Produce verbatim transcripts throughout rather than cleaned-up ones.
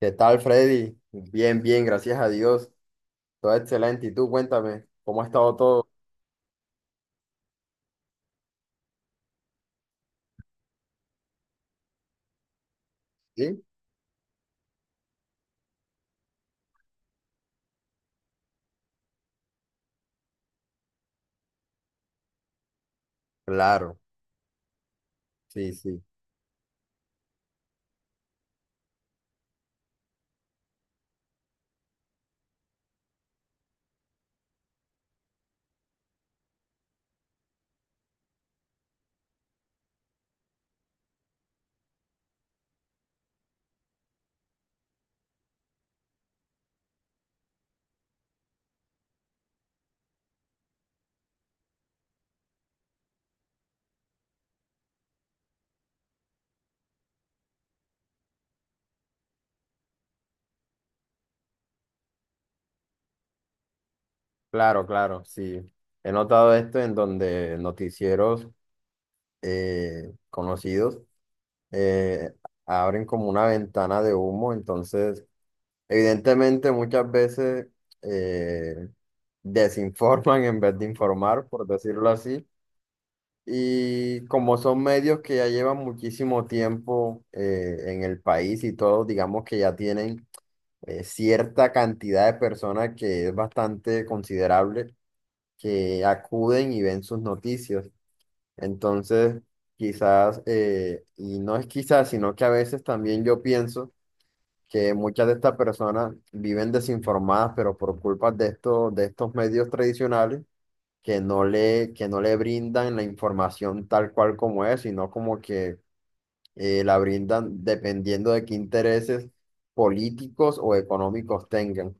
¿Qué tal, Freddy? Bien, bien, gracias a Dios. Todo excelente. ¿Y tú, cuéntame, cómo ha estado todo? ¿Sí? Claro, sí, sí. Claro, claro, sí. He notado esto en donde noticieros eh, conocidos eh, abren como una ventana de humo. Entonces, evidentemente, muchas veces eh, desinforman en vez de informar, por decirlo así. Y como son medios que ya llevan muchísimo tiempo eh, en el país y todo, digamos que ya tienen eh, cierta cantidad de personas que es bastante considerable que acuden y ven sus noticias. Entonces, quizás, eh, y no es quizás, sino que a veces también yo pienso que muchas de estas personas viven desinformadas, pero por culpa de estos, de estos medios tradicionales que no le, que no le brindan la información tal cual como es, sino como que eh, la brindan dependiendo de qué intereses políticos o económicos tengan.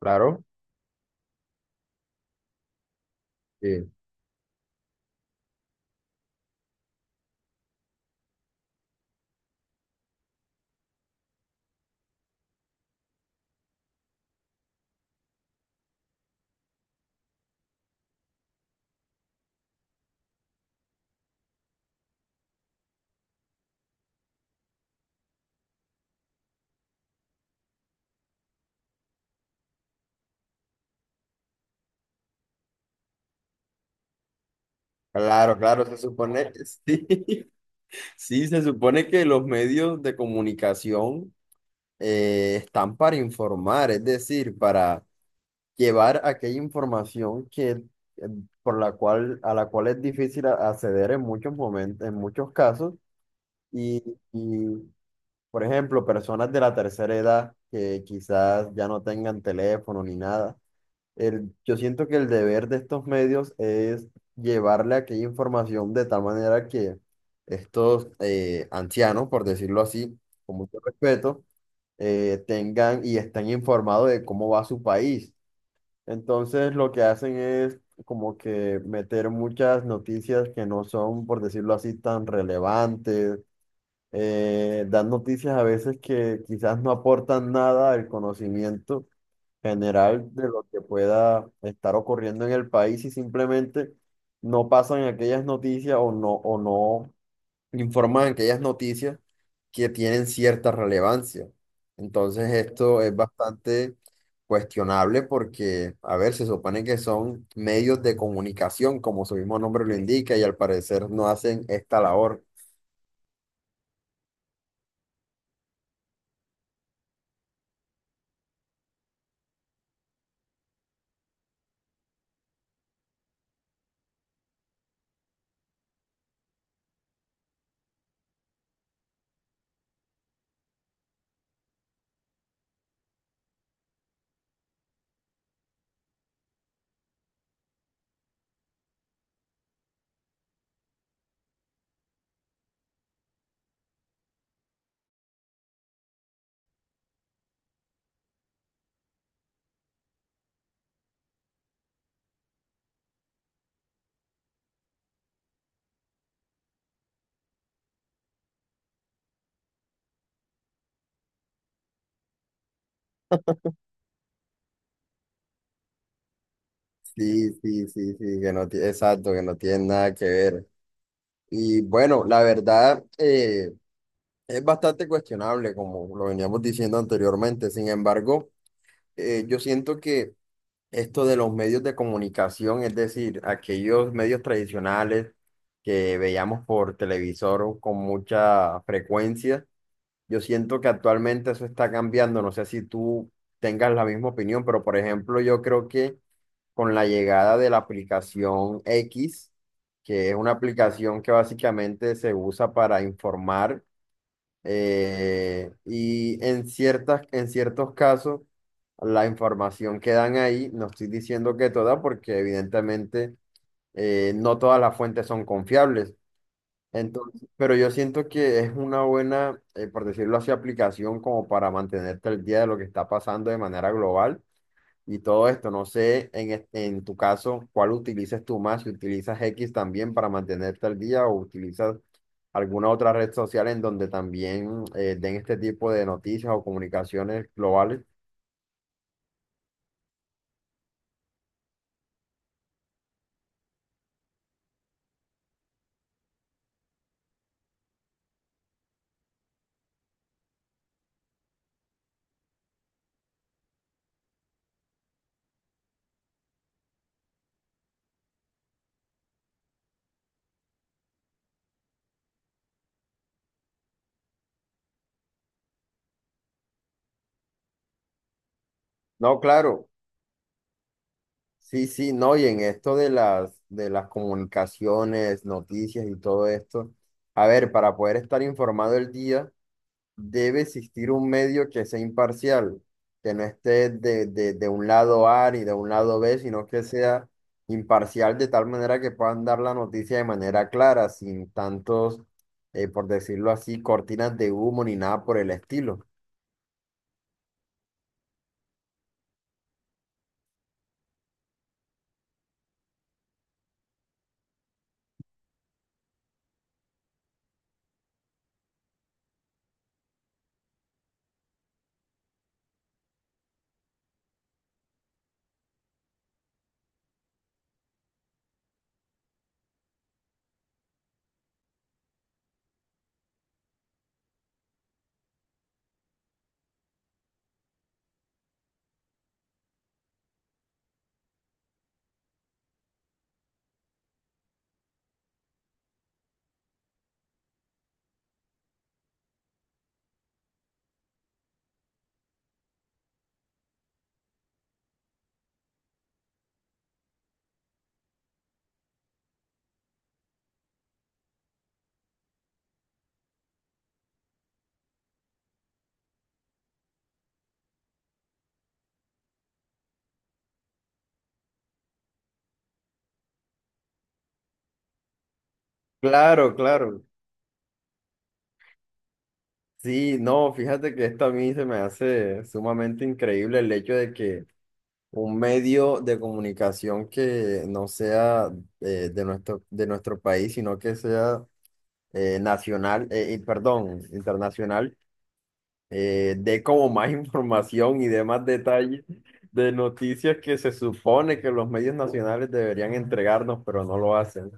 Claro, sí. Claro, claro, se supone, sí, sí, se supone que los medios de comunicación eh, están para informar, es decir, para llevar aquella información que, eh, por la cual, a la cual es difícil a- acceder en muchos momentos, en muchos casos, y, por ejemplo, personas de la tercera edad que quizás ya no tengan teléfono ni nada. El- yo siento que el deber de estos medios es llevarle aquella información de tal manera que estos eh, ancianos, por decirlo así, con mucho respeto, eh, tengan y estén informados de cómo va su país. Entonces, lo que hacen es como que meter muchas noticias que no son, por decirlo así, tan relevantes. eh, dan noticias a veces que quizás no aportan nada al conocimiento general de lo que pueda estar ocurriendo en el país y simplemente no pasan aquellas noticias o no, o no informan aquellas noticias que tienen cierta relevancia. Entonces esto es bastante cuestionable porque, a ver, se supone que son medios de comunicación, como su mismo nombre lo indica, y al parecer no hacen esta labor. Sí, sí, sí, sí, que no tiene, exacto, que no tiene nada que ver. Y bueno, la verdad, eh, es bastante cuestionable, como lo veníamos diciendo anteriormente. Sin embargo, eh, yo siento que esto de los medios de comunicación, es decir, aquellos medios tradicionales que veíamos por televisor con mucha frecuencia, yo siento que actualmente eso está cambiando. No sé si tú tengas la misma opinión, pero por ejemplo, yo creo que con la llegada de la aplicación equis, que es una aplicación que básicamente se usa para informar, eh, y en ciertas, en ciertos casos la información que dan ahí, no estoy diciendo que toda, porque evidentemente eh, no todas las fuentes son confiables. Entonces, pero yo siento que es una buena, eh, por decirlo así, aplicación como para mantenerte al día de lo que está pasando de manera global y todo esto. No sé, en, es- en tu caso, ¿cuál utilizas tú más? Si utilizas equis también para mantenerte al día o utilizas alguna otra red social en donde también eh, den este tipo de noticias o comunicaciones globales. No, claro, sí, sí, no, y en esto de las, de las comunicaciones, noticias y todo esto, a ver, para poder estar informado el día debe existir un medio que sea imparcial, que no esté de, de, de un lado A ni de un lado be, sino que sea imparcial de tal manera que puedan dar la noticia de manera clara, sin tantos, eh, por decirlo así, cortinas de humo ni nada por el estilo. Claro, claro. Sí, no, fíjate que esto a mí se me hace sumamente increíble el hecho de que un medio de comunicación que no sea eh, de nuestro, de nuestro país, sino que sea eh, nacional, eh, eh, perdón, internacional, eh, dé como más información y dé más detalles de noticias que se supone que los medios nacionales deberían entregarnos, pero no lo hacen.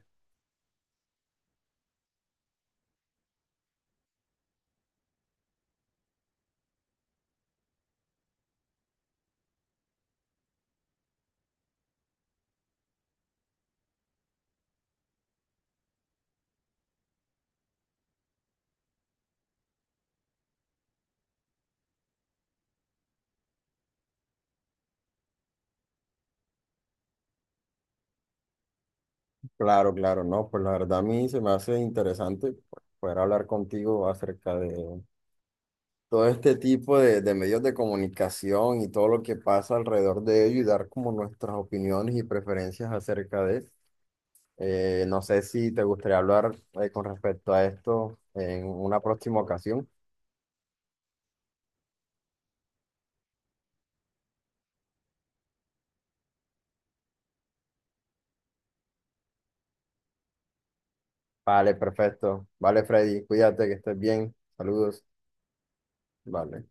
Claro, claro, no, pues la verdad a mí se me hace interesante poder hablar contigo acerca de todo este tipo de, de medios de comunicación y todo lo que pasa alrededor de ello y dar como nuestras opiniones y preferencias acerca de. Eh, no sé si te gustaría hablar eh, con respecto a esto en una próxima ocasión. Vale, perfecto. Vale, Freddy, cuídate, que estés bien. Saludos. Vale.